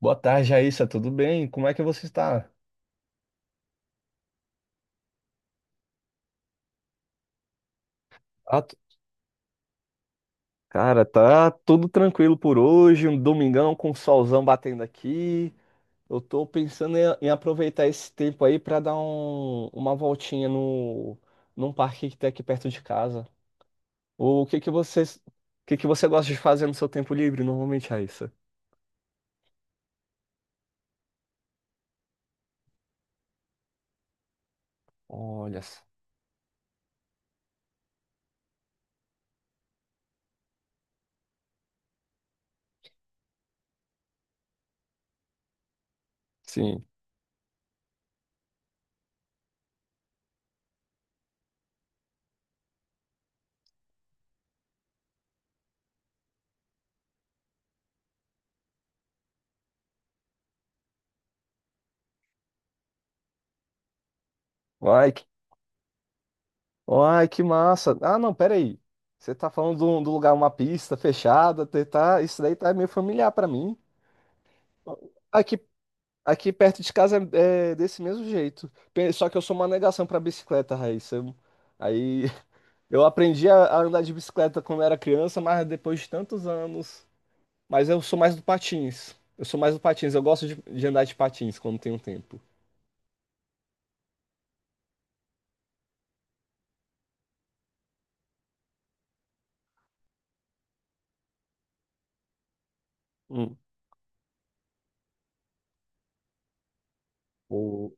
Boa tarde, Raíssa. Tudo bem? Como é que você está? Ah, tu- Cara, tá tudo tranquilo por hoje, um domingão com o solzão batendo aqui. Eu tô pensando em aproveitar esse tempo aí para dar uma voltinha no, num parque que tem aqui perto de casa. O que que você gosta de fazer no seu tempo livre normalmente, Raíssa? Olha, sim. Ai, que massa. Ah, não, peraí. Você tá falando do lugar, uma pista fechada, isso daí tá meio familiar para mim. Aqui, aqui perto de casa é desse mesmo jeito. Só que eu sou uma negação pra bicicleta, Raíssa. Aí eu aprendi a andar de bicicleta quando era criança, mas depois de tantos anos. Mas eu sou mais do patins. Eu sou mais do patins. Eu gosto de andar de patins quando tenho tempo. Hum. Ou,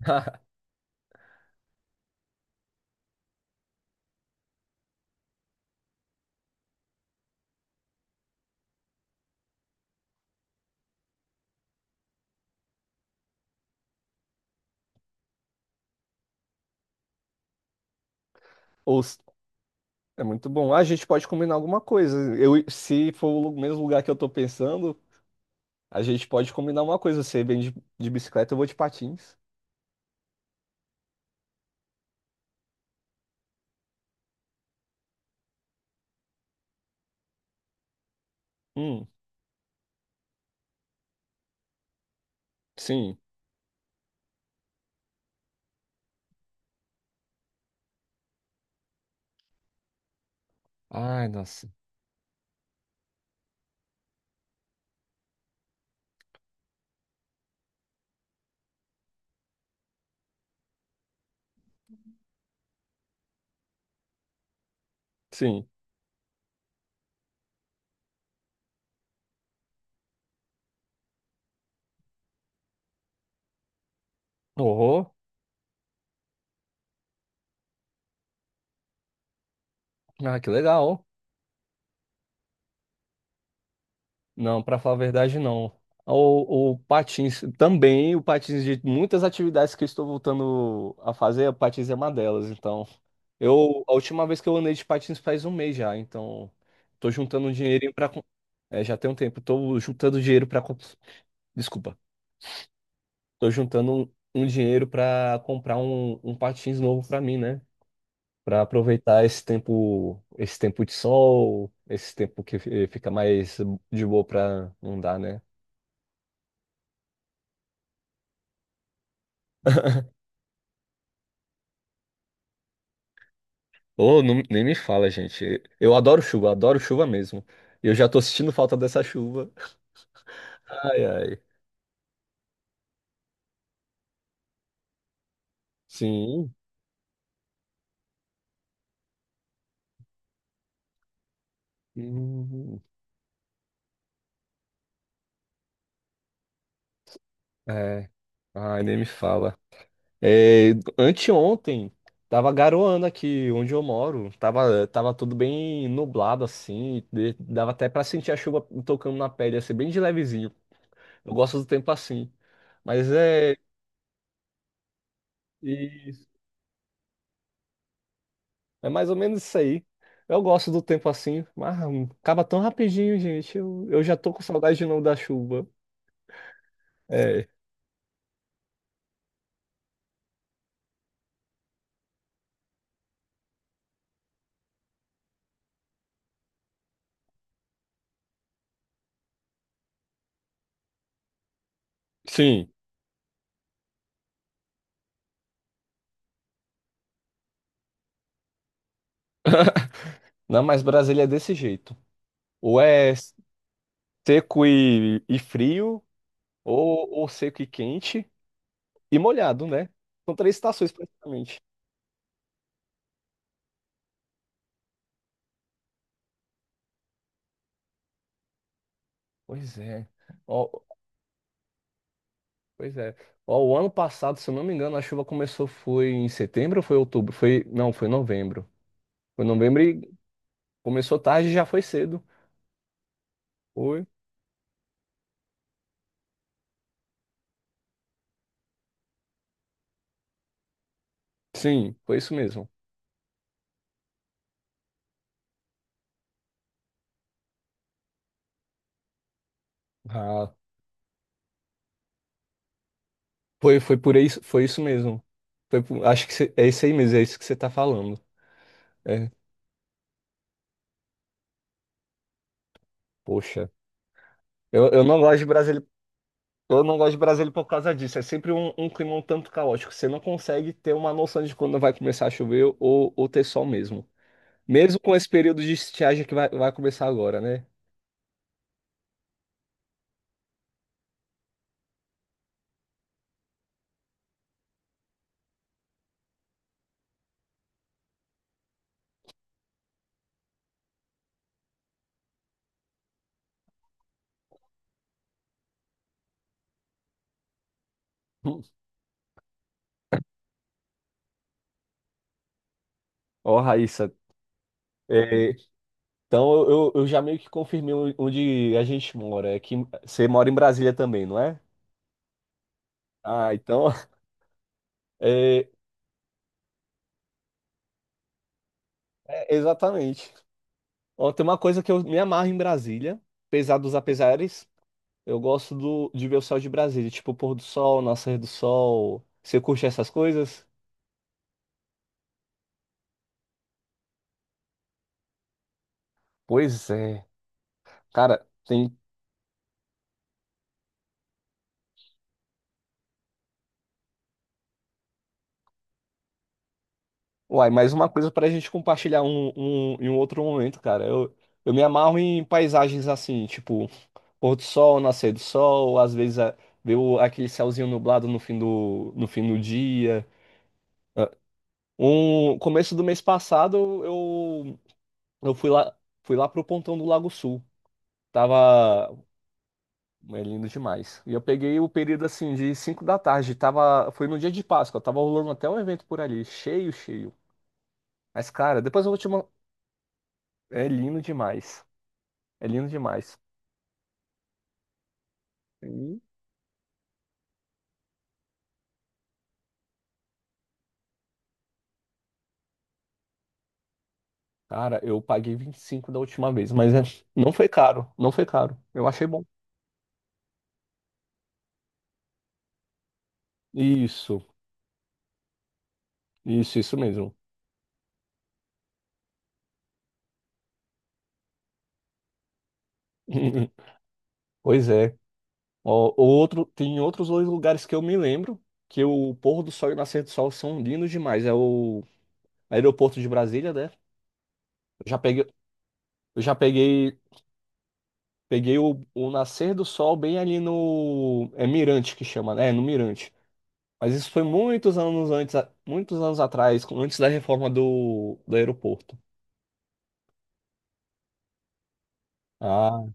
ou s- É muito bom. A gente pode combinar alguma coisa. Eu, se for mesmo lugar que eu tô pensando, a gente pode combinar uma coisa. Você vem de bicicleta, eu vou de patins. Hum, sim. Ai, nossa. Sim. Oh, ah, que legal. Não, pra falar a verdade, não. O patins também, o patins de muitas atividades que eu estou voltando a fazer, o patins é uma delas. Então, eu a última vez que eu andei de patins faz um mês já. Então, tô juntando um dinheirinho para... É, já tem um tempo. Tô juntando dinheiro para... Desculpa. Tô juntando um dinheiro pra comprar um patins novo pra mim, né? Para aproveitar esse tempo de sol, esse tempo que fica mais de boa para andar, né? Ou não, nem me fala, gente. Eu adoro chuva mesmo. Eu já tô sentindo falta dessa chuva. Ai, ai. Sim. Hum, é. Ai, nem me fala. É, anteontem tava garoando aqui onde eu moro. Tava tudo bem nublado assim. Dava até pra sentir a chuva tocando na pele, assim, bem de levezinho. Eu gosto do tempo assim. Mas é, e é mais ou menos isso aí. Eu gosto do tempo assim, mas acaba tão rapidinho, gente. Eu já tô com saudade de novo da chuva. É, sim. Não, mas Brasília é desse jeito. Ou é seco e frio, ou seco e quente e molhado, né? São três estações praticamente. Pois é. Ó, pois é. Ó, o ano passado, se eu não me engano, a chuva começou foi em setembro ou foi outubro? Foi, não, foi novembro. Foi novembro, e começou tarde e já foi cedo. Foi. Sim, foi isso mesmo. Ah, foi por isso, foi isso mesmo. Acho que é isso aí mesmo, é isso que você tá falando. É, poxa. Eu não gosto de Brasília, por causa disso. É sempre um clima um tanto caótico. Você não consegue ter uma noção de quando vai começar a chover ou ter sol mesmo. Mesmo com esse período de estiagem que vai começar agora, né? Hum. Ó, Raíssa. é, então, eu já meio que confirmei onde a gente mora. É que você mora em Brasília também, não é? Ah, então, é, exatamente. Ó, tem uma coisa que eu me amarro em Brasília, apesar dos apesares. Eu gosto de ver o céu de Brasília, tipo o pôr do sol, nascer do sol. Você curte essas coisas? Pois é. Cara, tem. Uai, mais uma coisa pra gente compartilhar em um outro momento, cara. Eu me amarro em paisagens assim, tipo pôr do sol, nascer do sol, às vezes ver aquele céuzinho nublado no fim do dia. Um começo do mês passado eu fui lá pro Pontão do Lago Sul. Tava... É lindo demais. E eu peguei o período assim de 5 da tarde, tava foi no dia de Páscoa, tava rolando até um evento por ali, cheio, cheio. Mas cara, depois eu vou te mandar. É lindo demais. É lindo demais. Sim. Cara, eu paguei 25 da última vez, mas não foi caro, não foi caro. Eu achei bom. Isso, isso mesmo. Pois é. Ó, tem outros dois lugares que eu me lembro que o pôr do sol e o nascer do sol são lindos demais. É o aeroporto de Brasília, né? Eu já peguei, eu já peguei, peguei o nascer do sol bem ali no Mirante que chama, né? No Mirante. Mas isso foi muitos anos antes, muitos anos atrás, antes da reforma do aeroporto. Ah,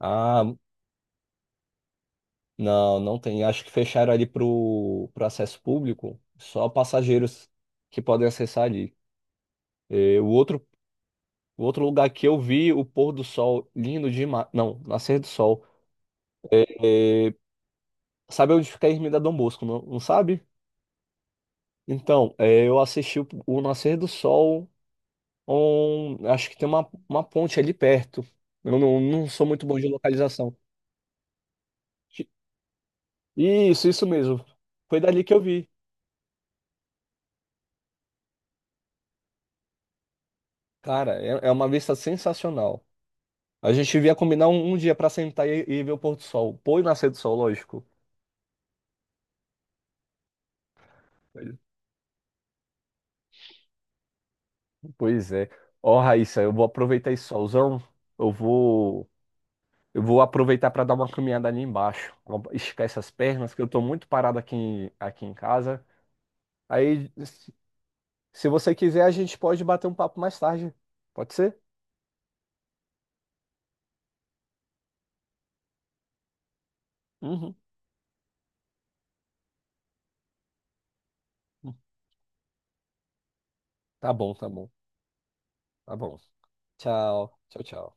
ah, não, não tem. Acho que fecharam ali pro acesso público, só passageiros que podem acessar ali. Eh, O outro O outro lugar que eu vi o pôr do sol lindo demais. Não, nascer do sol. É, é, Sabe onde fica a Ermida Dom Bosco, não, não sabe? Então, eu assisti o nascer do sol. Acho que tem uma ponte ali perto. Eu não sou muito bom de localização. Isso mesmo. Foi dali que eu vi. Cara, é uma vista sensacional. A gente devia combinar um dia pra sentar e ver o pôr do sol. Pôr e nascer do sol, lógico. Pois é. Ó, Raíssa, eu vou aproveitar esse solzão. Eu vou, eu vou aproveitar para dar uma caminhada ali embaixo. Esticar essas pernas, que eu tô muito parado aqui, aqui em casa. Aí, se você quiser, a gente pode bater um papo mais tarde. Pode ser? Uhum. Tá bom, tá bom. Tá bom. Tchau, tchau, tchau.